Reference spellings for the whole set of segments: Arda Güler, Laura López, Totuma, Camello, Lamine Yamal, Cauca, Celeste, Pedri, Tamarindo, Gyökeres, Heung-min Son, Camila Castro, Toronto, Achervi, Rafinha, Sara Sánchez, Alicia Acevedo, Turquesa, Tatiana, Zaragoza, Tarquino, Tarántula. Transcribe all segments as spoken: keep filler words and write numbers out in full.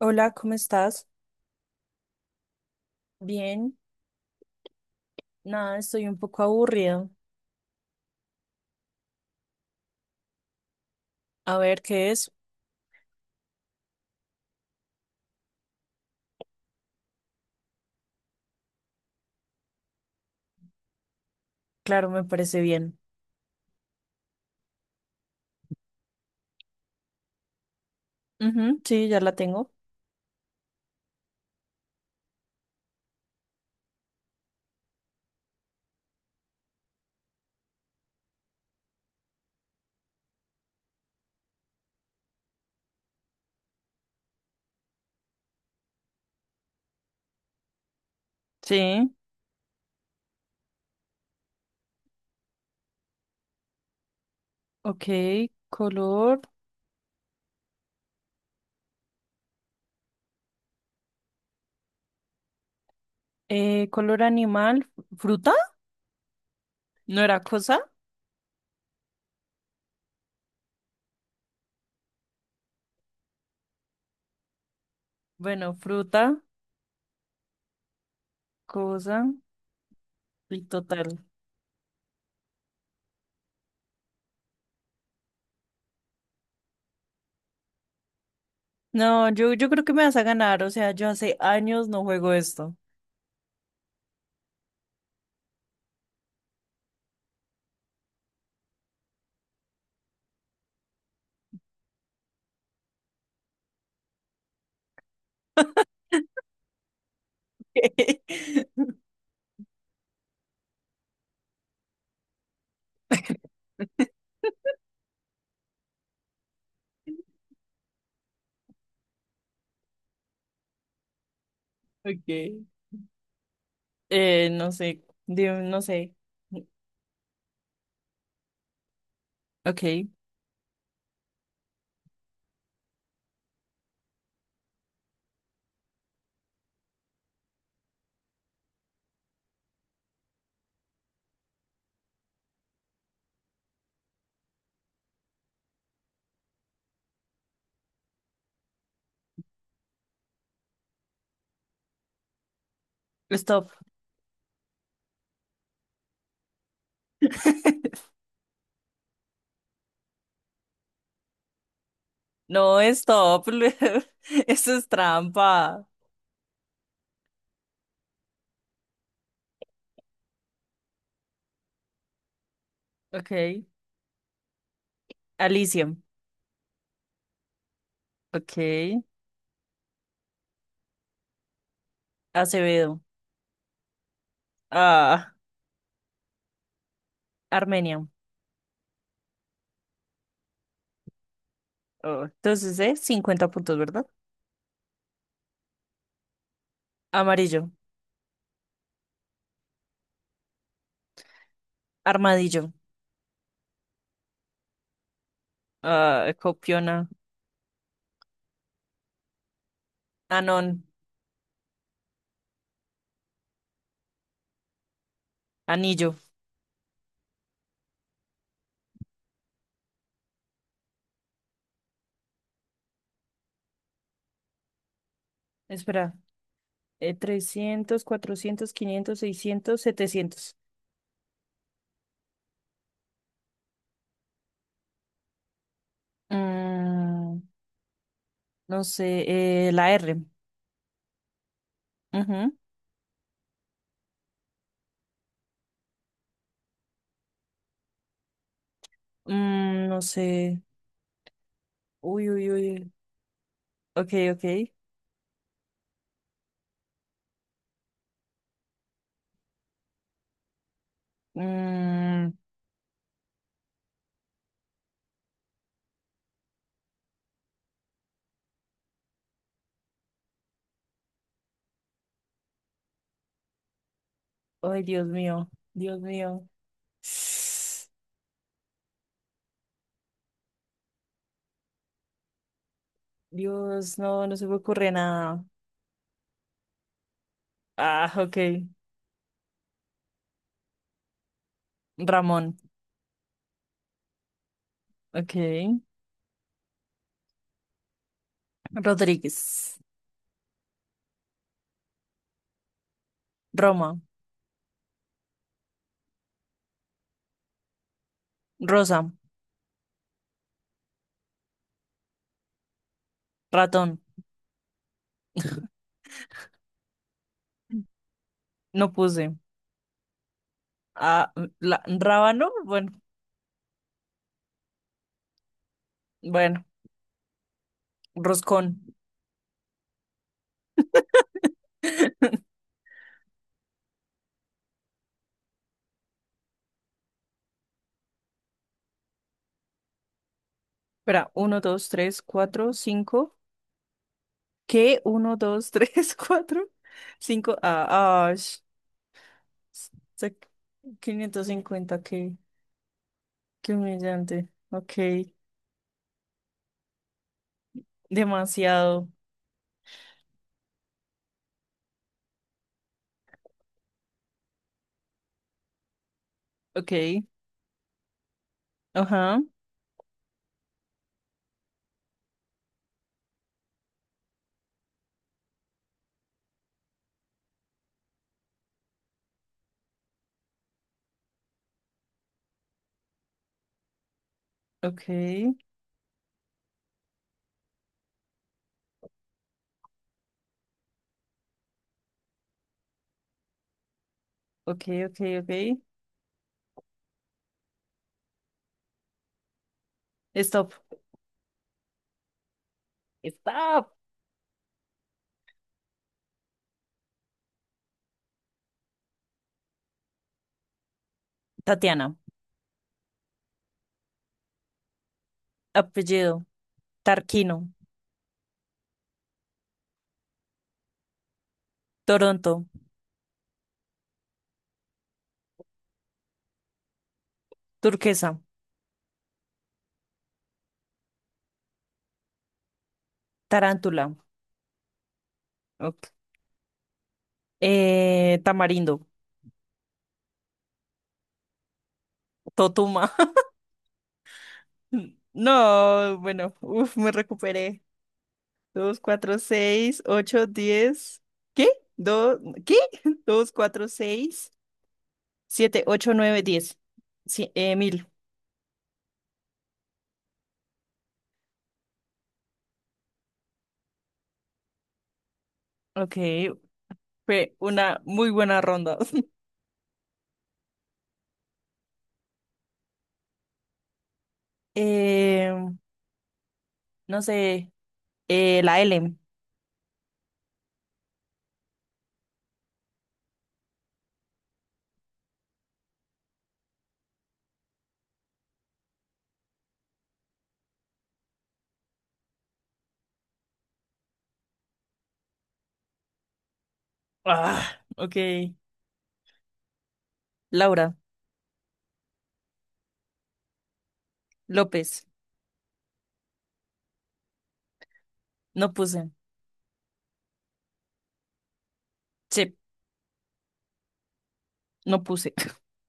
Hola, ¿cómo estás? Bien, nada, estoy un poco aburrida. A ver qué es. Claro, me parece bien. Ujú, sí, ya la tengo. Sí, ok. Color, eh, color animal, fruta, ¿no era cosa? Bueno, fruta, cosa y total. No, yo, yo creo que me vas a ganar. O sea, yo hace años no juego esto. Ok. Eh, no sé, di- no sé. Ok, stop. No, stop. Eso es trampa. Ok. Alicia. Ok. Acevedo. Ah, Armenia. Oh, entonces, ¿eh? cincuenta puntos, ¿verdad? Amarillo. Armadillo. Ah, copiona. Anón. Anillo. Espera. Eh, trescientos, cuatrocientos, quinientos, seiscientos, setecientos. Mm, no sé. eh, la R. Ujú. Mm, no sé. Uy, uy, uy. Ok, ok. Mm, ay, Dios mío, Dios mío. Dios, no, no se me ocurre nada. Ah, ok. Ramón, ok. Rodríguez, Roma, Rosa, ratón. No puse. Ah, la, rábano, bueno, bueno, roscón. Espera, uno, dos, tres, cuatro, cinco. ¿Qué? Uno, dos, tres, cuatro, cinco. Ah, ah, sh- se- quinientos cincuenta. ¿Qué? Qué humillante. Ok. Demasiado. Ok. Ajá. Ok. Ok, ok, ok. Stop. Stop. Tatiana. Apellido. Tarquino. Toronto. Turquesa. Tarántula. Ok. Eh, tamarindo. Totuma. No, bueno. Uf, me recuperé. Dos, cuatro, seis, ocho, diez. ¿Qué? Dos, ¿qué? Dos, cuatro, seis, siete, ocho, nueve, diez. Sí, eh, mil. Ok, fue una muy buena ronda. Eh, no sé, eh, la L. Ah, ok. Laura, López, no puse. Sí, no puse.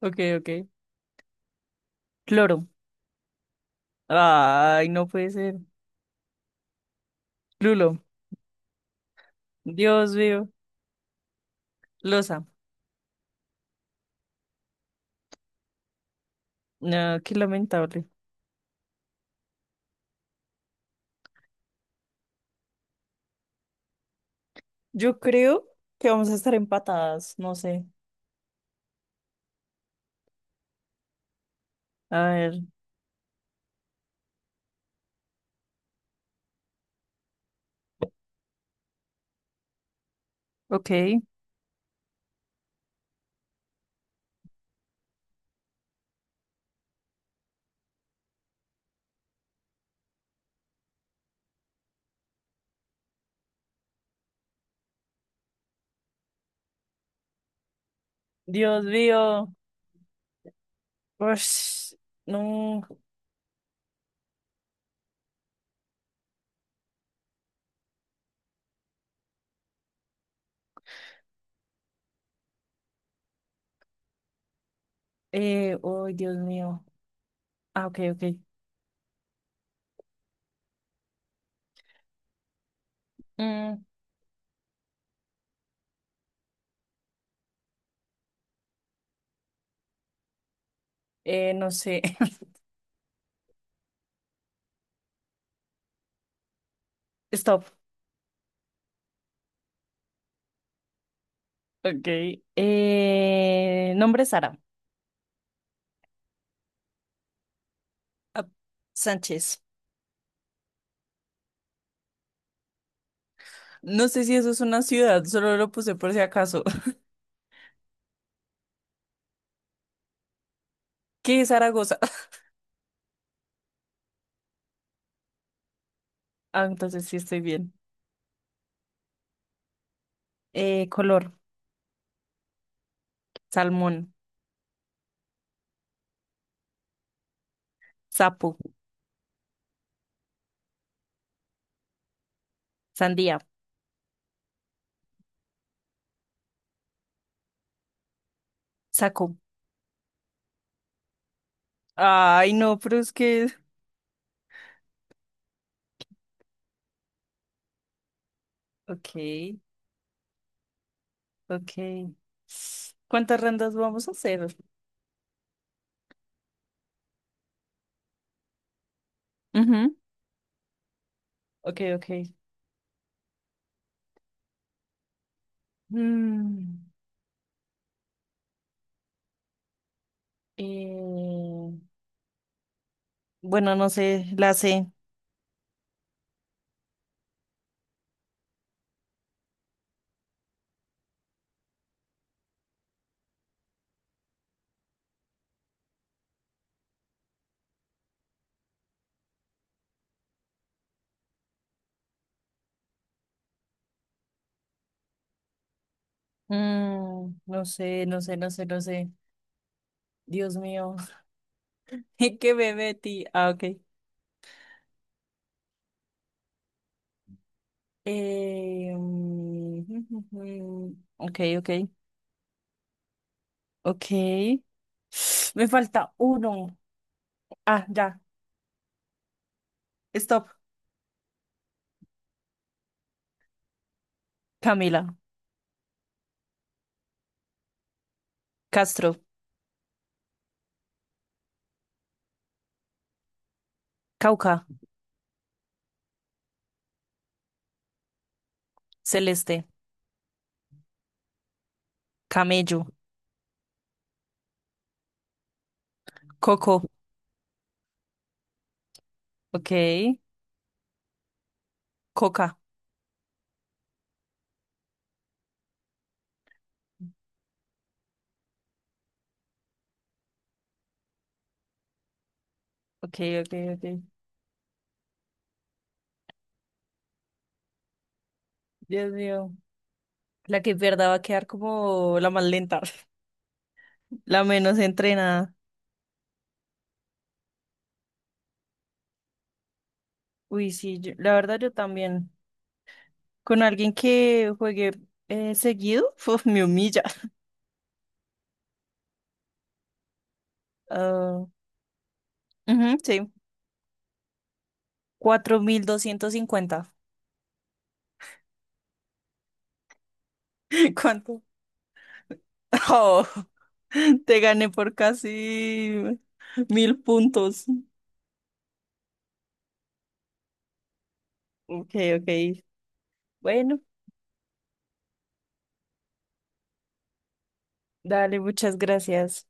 Ok, ok. Cloro. Ay, no puede ser. Lulo, Dios mío. Losa. No, qué lamentable. Yo creo que vamos a estar empatadas, no sé. A ver, ok. Dios mío. Ush, no. Eh, oh, Dios mío. Ah, ok, ok. Mm, Eh, no sé. Stop. Ok. Eh, nombre Sara. Ah, Sánchez. No sé si eso es una ciudad, solo lo puse por si acaso. ¿Qué es Zaragoza? Ah, entonces sí estoy bien. Eh, color, salmón, sapo, sandía, saco. Ay, no, pero es que... Ok, ok. ¿Cuántas rondas vamos a hacer? Ujú. Ok, ok. Mm, eh, bueno, no sé, la C. Mm, no sé, no sé, no sé, no sé. Dios mío, ¿en qué me metí? Ah, ok. Eh, mm, ok, ok, ok. Me falta uno. Ah, ya. Stop. Camila, Castro, Cauca, Celeste, Camello, Coco. Ok. Coca. Ok, ok, ok. Dios mío. La que pierda va a quedar como la más lenta, la menos entrenada. Uy, sí, yo- la verdad yo también. Con alguien que juegue eh, seguido, uf, me humilla. Ah, ujú, sí, cuatro mil doscientos cincuenta. ¿Cuánto? Oh, te gané por casi mil puntos. Ok, ok. Bueno, dale, muchas gracias.